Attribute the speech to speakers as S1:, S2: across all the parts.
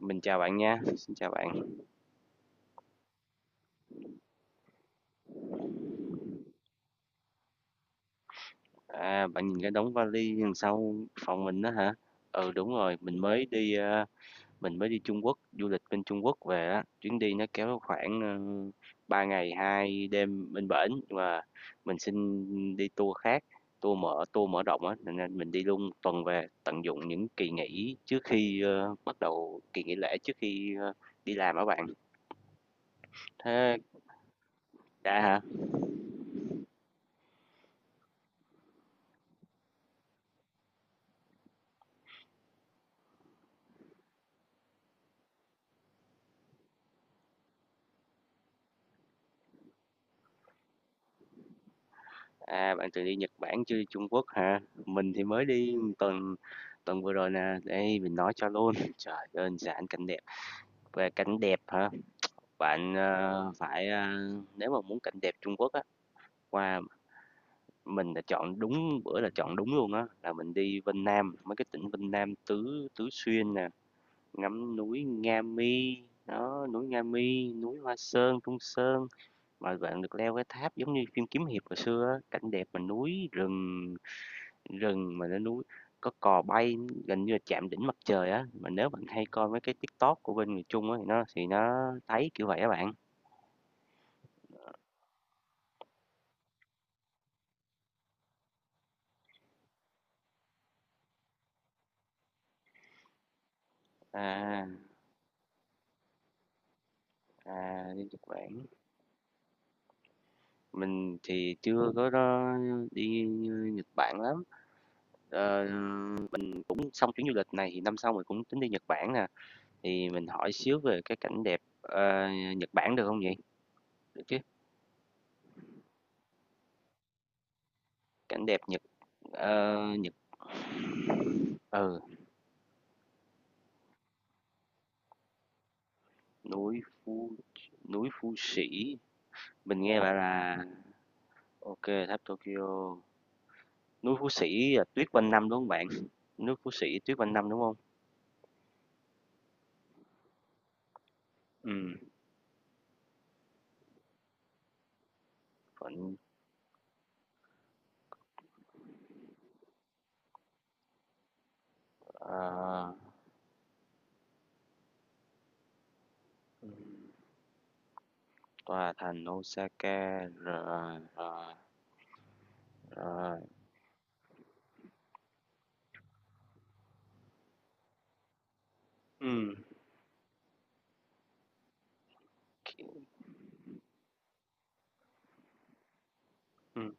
S1: Mình chào bạn nha, xin chào bạn. À, bạn nhìn cái đống vali đằng sau phòng mình đó hả? Ừ, đúng rồi, mình mới đi, mình mới đi Trung Quốc, du lịch bên Trung Quốc về á, chuyến đi nó kéo khoảng, 3 ngày 2 đêm bên bển, và mình xin đi tour khác, tour mở rộng á, nên ra mình đi luôn 1 tuần về, tận dụng những kỳ nghỉ trước khi, bắt đầu kỳ nghỉ lễ trước khi, đi làm á bạn. Thế đã hả? À, bạn từng đi Nhật Bản chưa, Trung Quốc hả? Mình thì mới đi tuần tuần vừa rồi nè. Đây mình nói cho luôn. Trời đơn giản cảnh đẹp. Về cảnh đẹp hả? Bạn phải nếu mà muốn cảnh đẹp Trung Quốc á, qua mình đã chọn đúng bữa là chọn đúng luôn á, là mình đi Vân Nam, mấy cái tỉnh Vân Nam Tứ Tứ Xuyên nè, ngắm núi Nga Mi. Đó, núi Nga Mi, núi Hoa Sơn, Trung Sơn mà bạn được leo cái tháp giống như phim kiếm hiệp hồi xưa á, cảnh đẹp mà núi rừng Rừng mà lên núi, có cò bay gần như là chạm đỉnh mặt trời á, mà nếu bạn hay coi mấy cái TikTok của bên người Trung á thì nó thấy kiểu vậy á bạn. À, à, đi Nhật Bản, mình thì chưa có đó, đi Nhật Bản lắm. Ờ, mình cũng xong chuyến du lịch này thì năm sau mình cũng tính đi Nhật Bản nè. Thì mình hỏi xíu về cái cảnh đẹp Nhật Bản được không vậy? Được chứ? Cảnh đẹp Nhật ờ, Nhật ừ, núi Phu núi Phu Sĩ. Mình nghe bạn là OK, tháp Tokyo, núi Phú Sĩ là tuyết quanh năm đúng không bạn? Núi Phú Sĩ tuyết quanh năm đúng không? Ừ, còn ờ, tòa thành Osaka, rồi rồi rồi. Ừm, ki- ừm.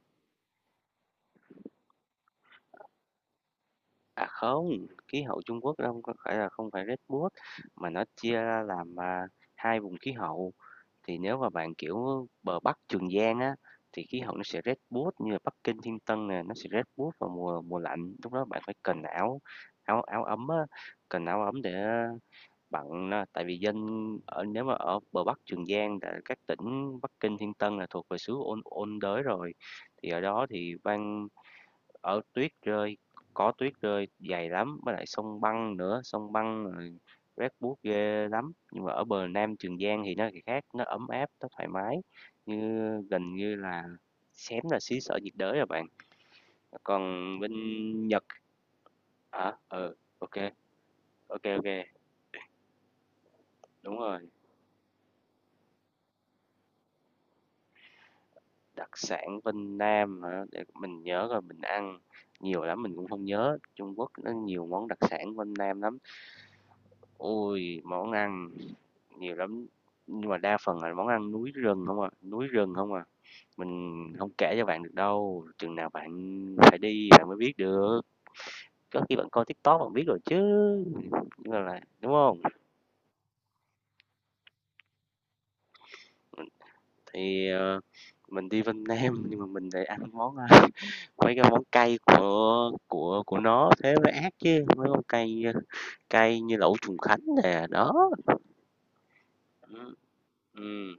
S1: À không, khí hậu Trung Quốc đâu có phải là không phải Red Bull mà nó chia ra làm hai vùng khí hậu. Thì nếu mà bạn, kiểu, bờ Bắc Trường Giang á, thì khí hậu nó sẽ rét buốt như là Bắc Kinh, Thiên Tân nè, nó sẽ rét buốt vào mùa mùa lạnh, lúc đó bạn phải cần áo áo áo ấm á, cần áo ấm để bạn á. Tại vì dân ở nếu mà ở bờ Bắc Trường Giang tại các tỉnh Bắc Kinh, Thiên Tân là thuộc về xứ ôn ôn đới rồi, thì ở đó thì ban ở tuyết rơi, có tuyết rơi dày lắm, với lại sông băng nữa, sông băng rét buốt ghê lắm. Nhưng mà ở bờ Nam Trường Giang thì nó khác, nó ấm áp, nó thoải mái, như gần như là xém là xứ sở nhiệt đới rồi bạn. Còn bên Nhật hả? Ừ, ok, ok, ok, đúng rồi. Đặc sản bên Nam hả? Để mình nhớ rồi mình ăn nhiều lắm mình cũng không nhớ. Trung Quốc nó nhiều món đặc sản bên Nam lắm. Ôi, món ăn nhiều lắm, nhưng mà đa phần là món ăn núi rừng không à, núi rừng không à. Mình không kể cho bạn được đâu, chừng nào bạn phải đi bạn mới biết được. Có khi bạn coi TikTok bạn biết rồi chứ, nhưng mà là đúng không? Thì, mình đi Vân Nam nhưng mà mình lại ăn món, mấy cái món cay của nó thế mới ác chứ, mấy món cay, cay như lẩu Trùng Khánh nè, đó. Ừm, ừm,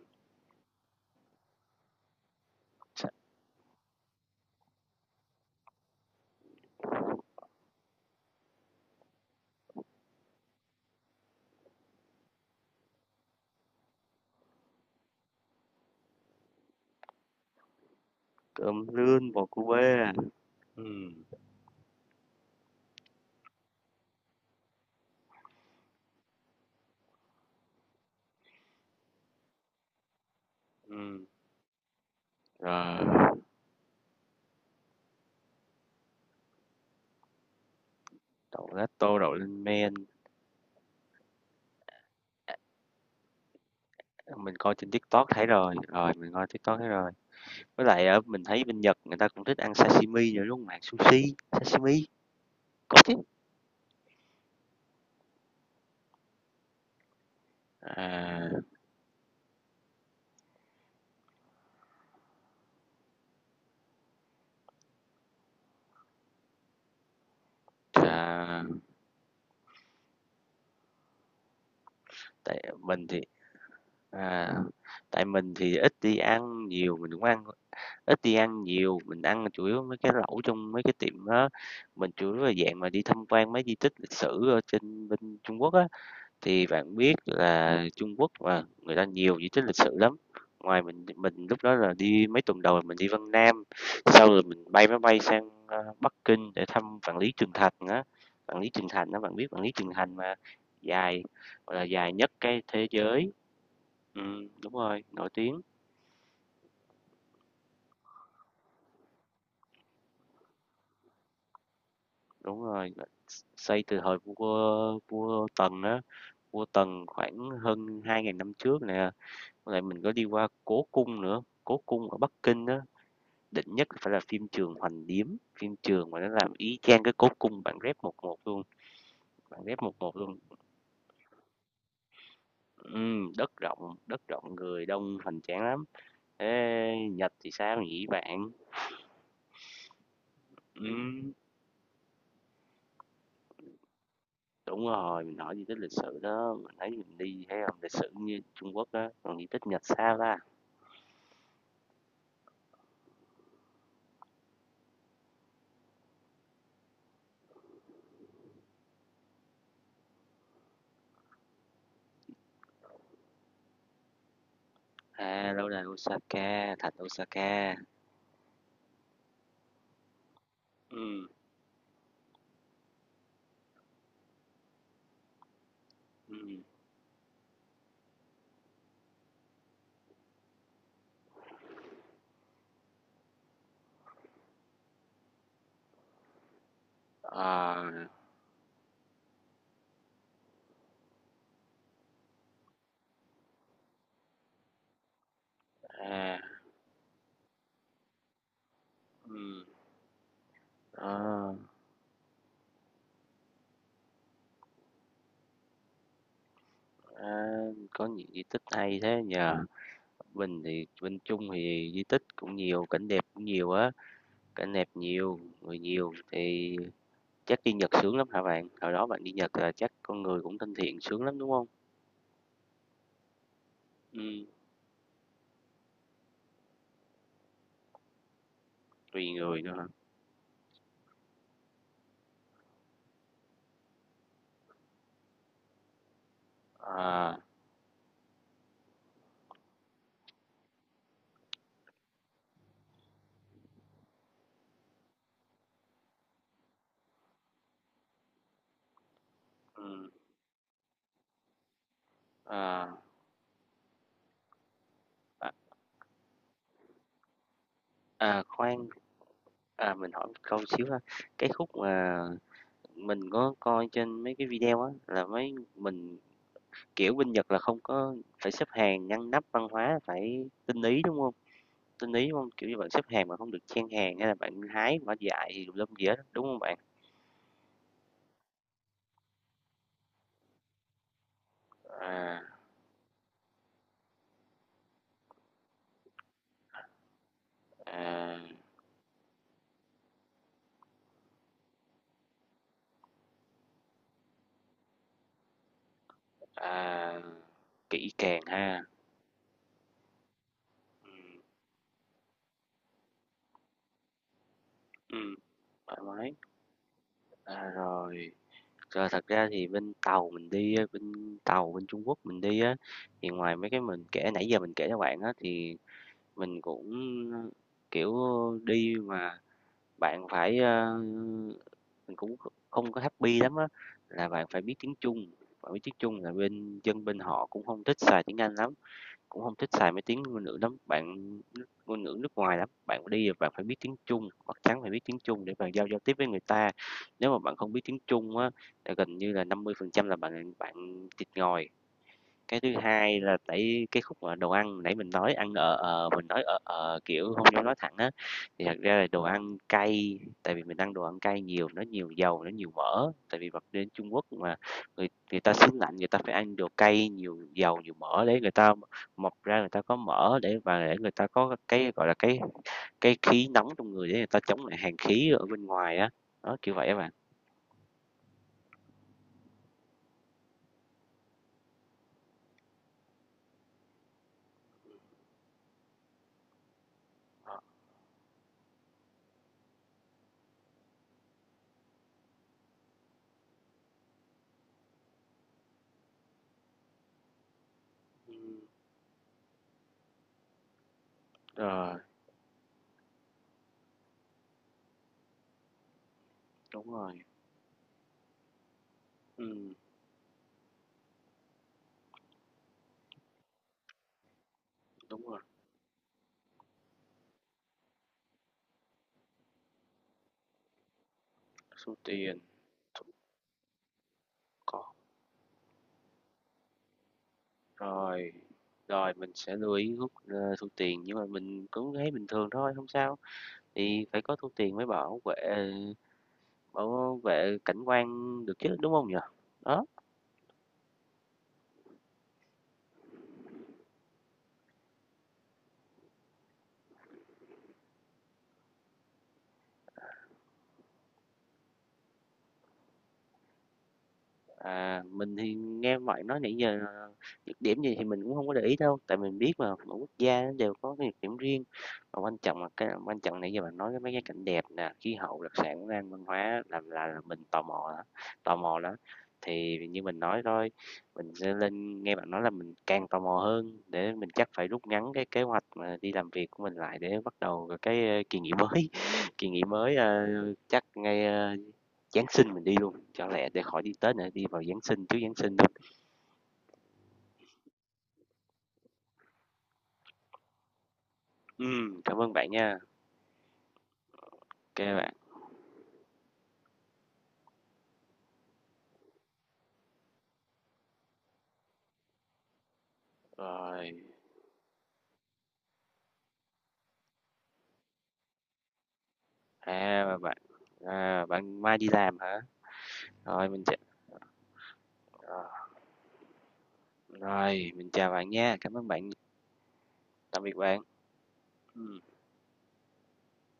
S1: cơm lươn bò cu bê, ừm, ừm. Rồi đậu gato đậu lên men, mình coi trên TikTok thấy rồi, với lại ở mình thấy bên Nhật người ta cũng thích ăn sashimi nữa đúng không bạn, sushi sashimi có chứ. À, à tại mình thì à, tại mình thì ít đi ăn nhiều mình cũng ăn ít đi ăn nhiều mình ăn chủ yếu mấy cái lẩu trong mấy cái tiệm đó, mình chủ yếu là dạng mà đi tham quan mấy di tích lịch sử ở trên bên Trung Quốc á. Thì bạn biết là Trung Quốc mà, người ta nhiều di tích lịch sử lắm. Ngoài mình lúc đó là đi mấy tuần đầu là mình đi Vân Nam, sau rồi mình bay máy bay sang, Bắc Kinh để thăm Vạn Lý Trường Thành á. Vạn Lý Trường Thành đó bạn biết Vạn Lý Trường Thành mà, dài, gọi là, dài nhất cái thế giới. Đúng rồi, nổi tiếng, đúng rồi, xây từ thời vua vua Tần á, vua Tần khoảng hơn 2.000 năm trước nè. Với lại mình có đi qua Cố Cung nữa, Cố Cung ở Bắc Kinh đó, định nhất phải là phim Trường Hoành Điếm, phim Trường mà nó làm y chang cái cốt cung bản ghép một một luôn. Đất rộng người đông hoành tráng lắm. Thế Nhật thì sao nhỉ bạn? Ừm, đúng rồi, mình hỏi gì tích lịch sử đó, mình thấy mình đi thấy không lịch sử như Trung Quốc đó, còn di tích Nhật sao ta? À, lâu đài Osaka, thạch Osaka. Ừm, ừm. Ờ, à, ừm, ờ, à, có những di tích hay thế nhờ? Bình thì bên Trung thì di tích cũng nhiều, cảnh đẹp cũng nhiều á, cảnh đẹp nhiều, người nhiều thì chắc đi Nhật sướng lắm hả bạn? Hồi đó bạn đi Nhật là chắc con người cũng thân thiện sướng lắm, đúng không? Ừ, tùy người nữa hả? À, ừm, à, à, khoan, à, mình hỏi một câu xíu ha, cái khúc mà mình có coi trên mấy cái video á, là mấy mình kiểu, bên Nhật là không có phải xếp hàng ngăn nắp văn hóa, phải tinh ý, đúng không? Tinh ý đúng. Kiểu như, bạn xếp hàng mà không được chen hàng hay là bạn hái quả dại gì tùm lum gì hết, đúng không bạn? À, à, à, kỹ càng ha, ừm, thoải mái. À, rồi, rồi thật ra thì bên Tàu bên Trung Quốc mình đi á, thì ngoài mấy cái mình kể nãy giờ mình kể cho bạn á, thì mình cũng, kiểu, đi mà bạn phải, mình cũng không có happy lắm á, là bạn phải biết tiếng Trung. Bạn biết tiếng Trung là bên dân bên họ cũng không thích xài tiếng Anh lắm, cũng không thích xài mấy tiếng ngôn ngữ lắm, ngôn ngữ nước ngoài lắm. Bạn đi là bạn phải biết tiếng Trung, chắc chắn phải biết tiếng Trung để bạn giao giao tiếp với người ta. Nếu mà bạn không biết tiếng Trung á, là gần như là 50% là bạn bạn thịt ngòi. Cái thứ hai là tại cái khúc mà đồ ăn nãy mình nói ăn ở mình nói ở kiểu không dám nói thẳng á, thì thật ra là đồ ăn cay, tại vì mình ăn đồ ăn cay nhiều, nó nhiều dầu, nó nhiều mỡ, tại vì bật đến Trung Quốc mà người người ta xứ lạnh người ta phải ăn đồ cay, nhiều dầu, nhiều mỡ để người ta mọc ra người ta có mỡ để và để người ta có cái, gọi là, cái khí nóng trong người để người ta chống lại hàn khí ở bên ngoài á, đó, kiểu vậy á bạn. Ờ, đúng rồi. Rồi, rồi mình sẽ lưu ý rút, thu tiền nhưng mà mình cũng thấy bình thường thôi, không sao, thì phải có thu tiền mới bảo vệ cảnh quan được chứ, đúng không nhỉ? Đó. À, mình thì nghe bạn nói nãy giờ nhược điểm gì thì mình cũng không có để ý đâu, tại mình biết mà mỗi quốc gia nó đều có cái nhược điểm riêng. Và quan trọng nãy giờ bạn nói cái mấy cái cảnh đẹp nè, khí hậu, đặc sản, món ăn, văn hóa là mình tò mò đó, tò mò đó. Thì như mình nói thôi, mình sẽ lên nghe bạn nói là mình càng tò mò hơn, để mình chắc phải rút ngắn cái kế hoạch mà đi làm việc của mình lại để bắt đầu cái, kỳ nghỉ mới. Kỳ nghỉ mới, ờ, chắc ngay, Giáng sinh mình đi luôn, cho lẹ để khỏi đi Tết nữa, đi vào Giáng sinh, trước Giáng sinh luôn. Cảm ơn bạn nha. Ok bạn. Rồi, à, bạn, à, bạn mai đi làm hả? Rồi, mình sẽ, à, rồi, mình chào bạn nha, cảm ơn bạn, tạm biệt bạn. Ừm.